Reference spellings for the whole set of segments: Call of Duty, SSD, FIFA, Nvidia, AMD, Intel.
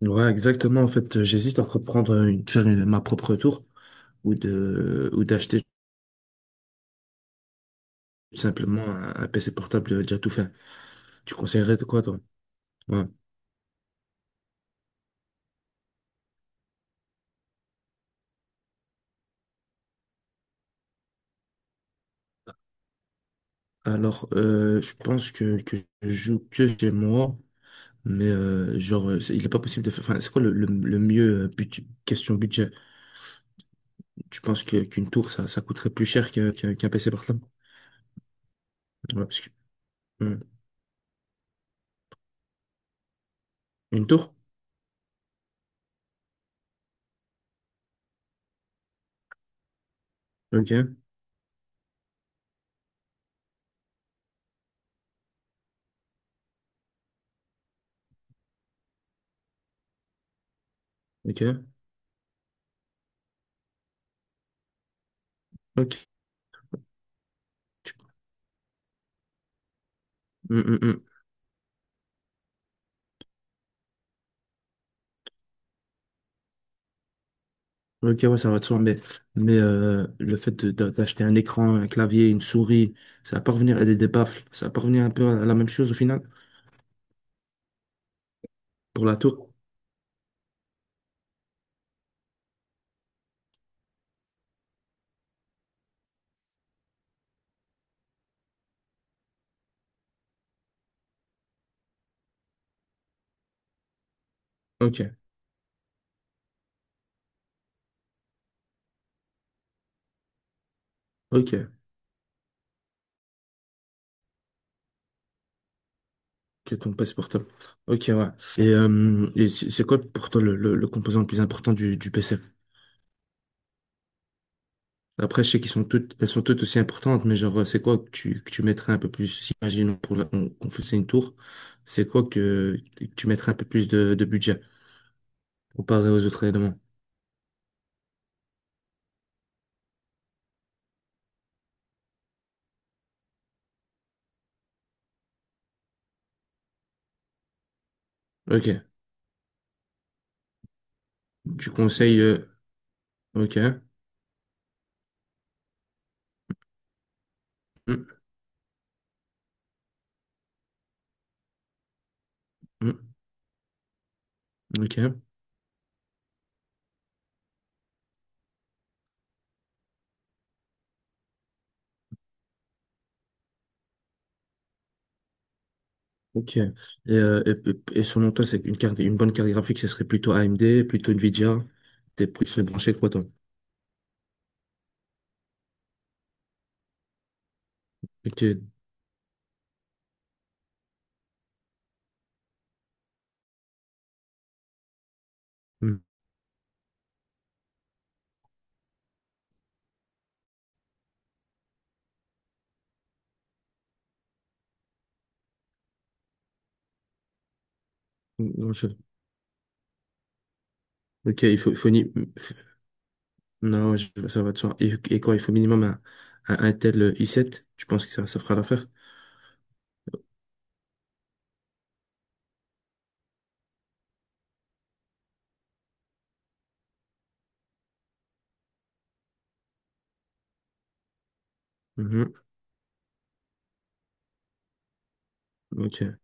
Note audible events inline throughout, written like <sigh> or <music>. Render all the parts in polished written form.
Ouais, exactement. En fait, j'hésite entre prendre faire ma propre tour ou d'acheter tout simplement un PC portable déjà tout fait. Tu conseillerais de quoi, toi? Ouais. Alors, je pense que je joue que chez moi, mais genre, il est pas possible de faire. Enfin, c'est quoi le mieux question budget? Tu penses que qu'une tour, ça coûterait plus cher que, qu'un PC portable? Ouais, parce que- Hmm. Une tour? Ok, ok, ok. Ok, ouais, ça va de soi, mais le fait d'acheter un écran, un clavier, une souris, ça va pas revenir à des baffles, ça va pas revenir un peu à la même chose au final pour la tour. Ok, ok, que ton passe portable. Ok, ouais. Et c'est quoi pour toi le, le composant le plus important du PC? Après, je sais qu'ils sont toutes, elles sont toutes aussi importantes, mais genre, c'est quoi que tu mettrais un peu plus, si imaginons pour qu'on faisait une tour, c'est quoi que tu mettrais un peu plus de budget comparé aux autres éléments? Ok, tu conseilles, ok. Mm, mm, ok, ok. Et selon toi, c'est une carte, une bonne carte graphique, ce serait plutôt AMD, plutôt Nvidia. T'es plus branché quoi, toi? Ok. Mm, mm, non, je- Ok, il faut ni... mmh, Non, je- ça va de soi. Et quoi, il faut minimum un Intel i7. Tu penses que ça fera l'affaire? Mhm. Ok,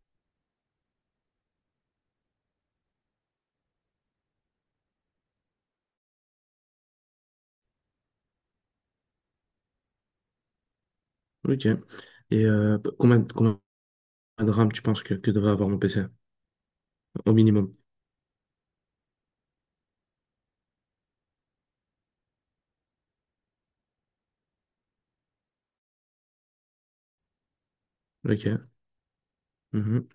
ok. Et combien, combien de RAM tu penses que devrait avoir mon PC? Au minimum. Ok. Mhm.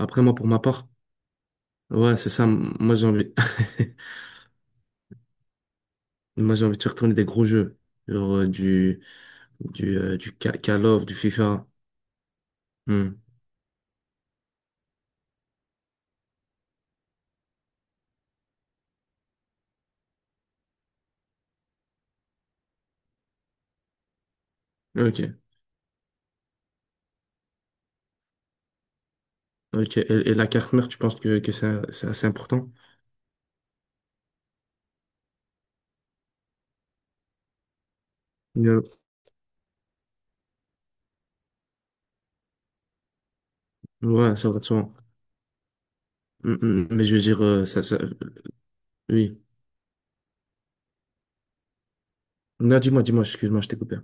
Après, moi, pour ma part, ouais, c'est ça. Moi, j'ai envie, <laughs> moi, j'ai envie de retourner des gros jeux. Genre, du, du Call of, du FIFA. Hmm. Ok. Ok. Et la carte mère, tu penses que c'est assez important? Euh, Ouais, ça va de soi. Hmm, hmm. Mais je veux dire, ça, ça, oui. Non, dis-moi, dis-moi, excuse-moi, je t'ai coupé.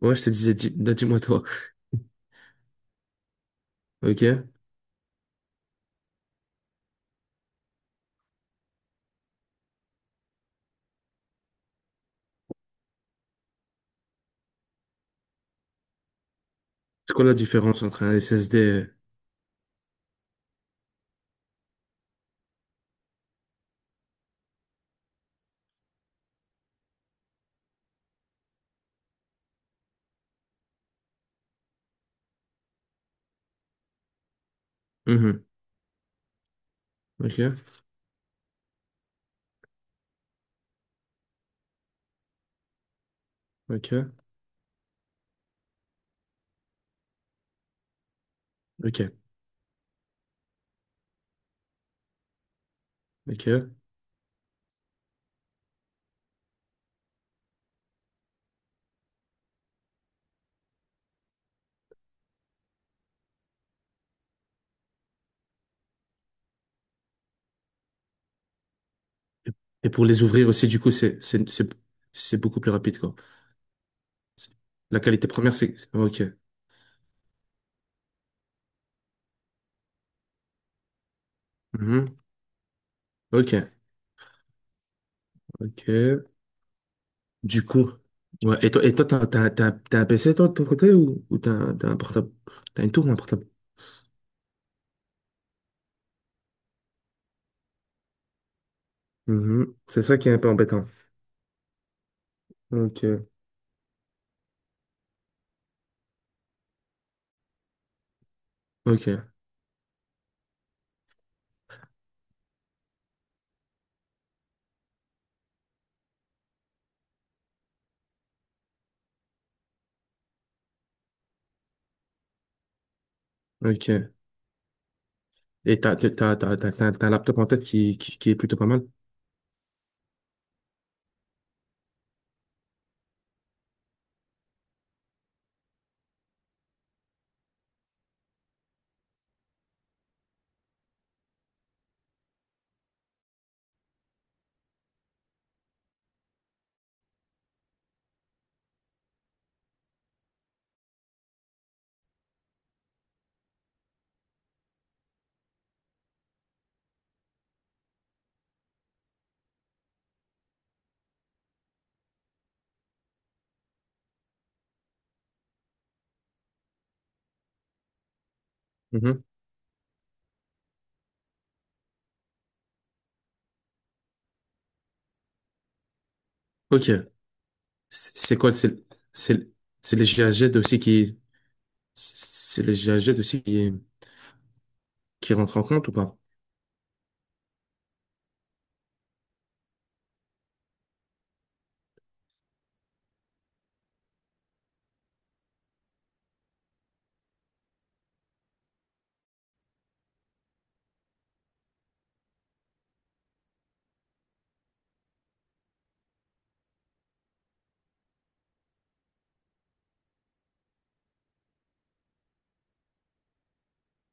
Ouais, je te disais, dis, non, dis-moi toi. <laughs> Ok. C'est quoi la différence entre un SSD Mhm. Ok. Ok. Ok. Ok. Et pour les ouvrir aussi, du coup, c'est c'est beaucoup plus rapide, quoi. C'est- La qualité première, c'est ok. Mhm. Ok, ok. Du coup, ouais. Et toi, t'as un PC toi de ton côté ou t'as un portable, t'as une tour ou un portable? Mhm. C'est ça qui est un peu embêtant. Ok, ok, ok. Et t'as un laptop en tête qui est plutôt pas mal. Mhm. Ok. C'est quoi? C'est c'est les GHz aussi qui c'est les GHZ aussi qui qui rentrent en compte ou pas?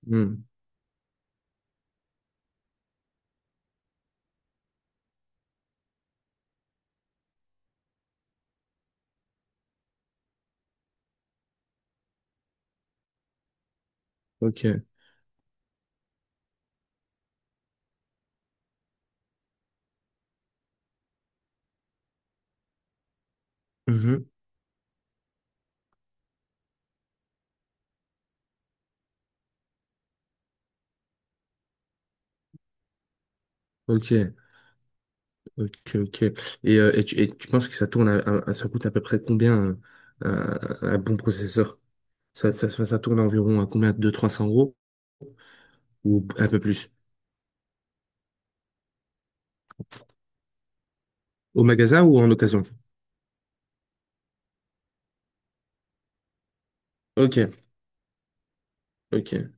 Hmm. Ok. Mhm. Ok. Ok. Ok. Et tu penses que ça tourne ça coûte à peu près combien un, un bon processeur? Ça, ça tourne à environ à combien? 200 300 euros ou un peu plus? Au magasin ou en occasion? Ok. Ok.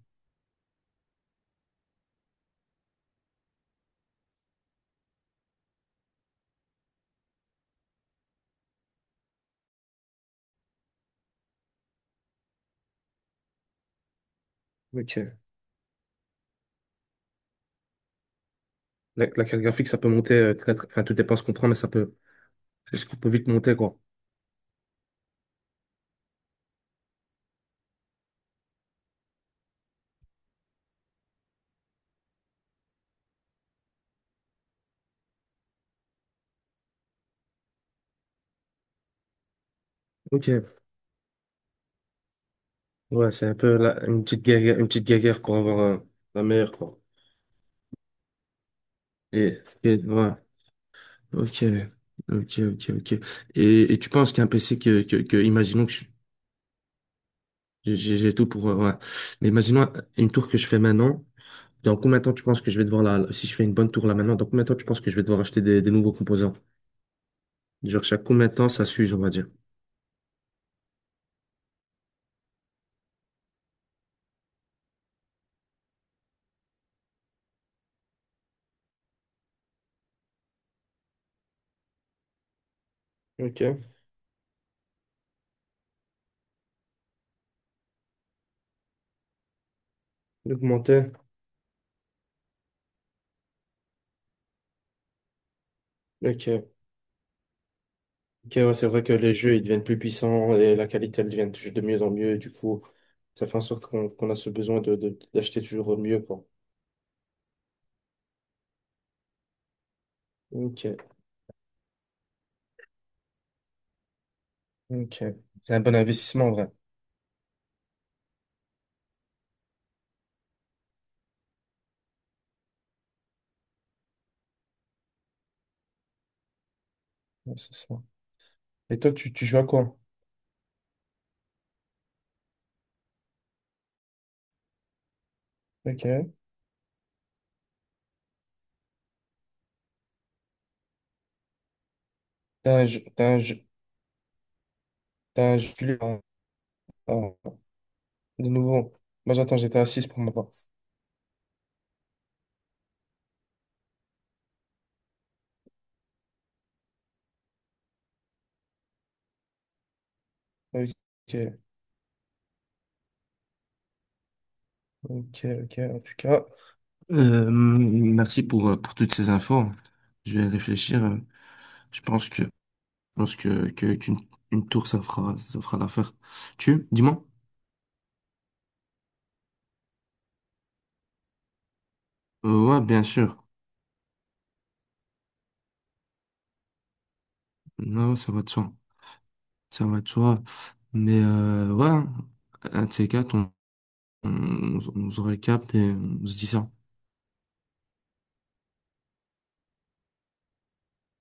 Ok. La carte graphique, ça peut monter, très, enfin, tout dépend ce qu'on prend, mais ça peut vite monter, quoi. Ok. Ouais, c'est un peu une petite guerre pour avoir la meilleure, quoi. Et ouais. Ok, ok, ok, ok. Et tu penses qu'un PC que, imaginons que j'ai tout pour, ouais. Mais imaginons une tour que je fais maintenant. Dans combien de temps tu penses que je vais devoir la, si je fais une bonne tour là maintenant, dans combien de temps tu penses que je vais devoir acheter des nouveaux composants? Genre chaque combien de temps ça s'use, on va dire. Ok, augmenter. Ok. Ok, ouais, c'est vrai que les jeux, ils deviennent plus puissants et la qualité, elle devient toujours de mieux en mieux. Du coup, ça fait en sorte qu'on qu'on a ce besoin de, d'acheter toujours mieux, quoi. Ok, ok. C'est un bon investissement, en vrai. Et toi, tu joues à quoi? Ok. T'as un jeu, t'as un jeu, t'as un jeu, ah, ah, de nouveau. Moi, j'attends j'étais à 6 pour ma part. Ok. Ok, ok. En tout cas, merci pour toutes ces infos. Je vais réfléchir. Je pense que, qu'une une tour, ça fera l'affaire. Tu, dis-moi. Ouais, bien sûr. Non, ça va de soi. Ça va de soi. Mais ouais, un de ces quatre, on se recapte et on se dit ça.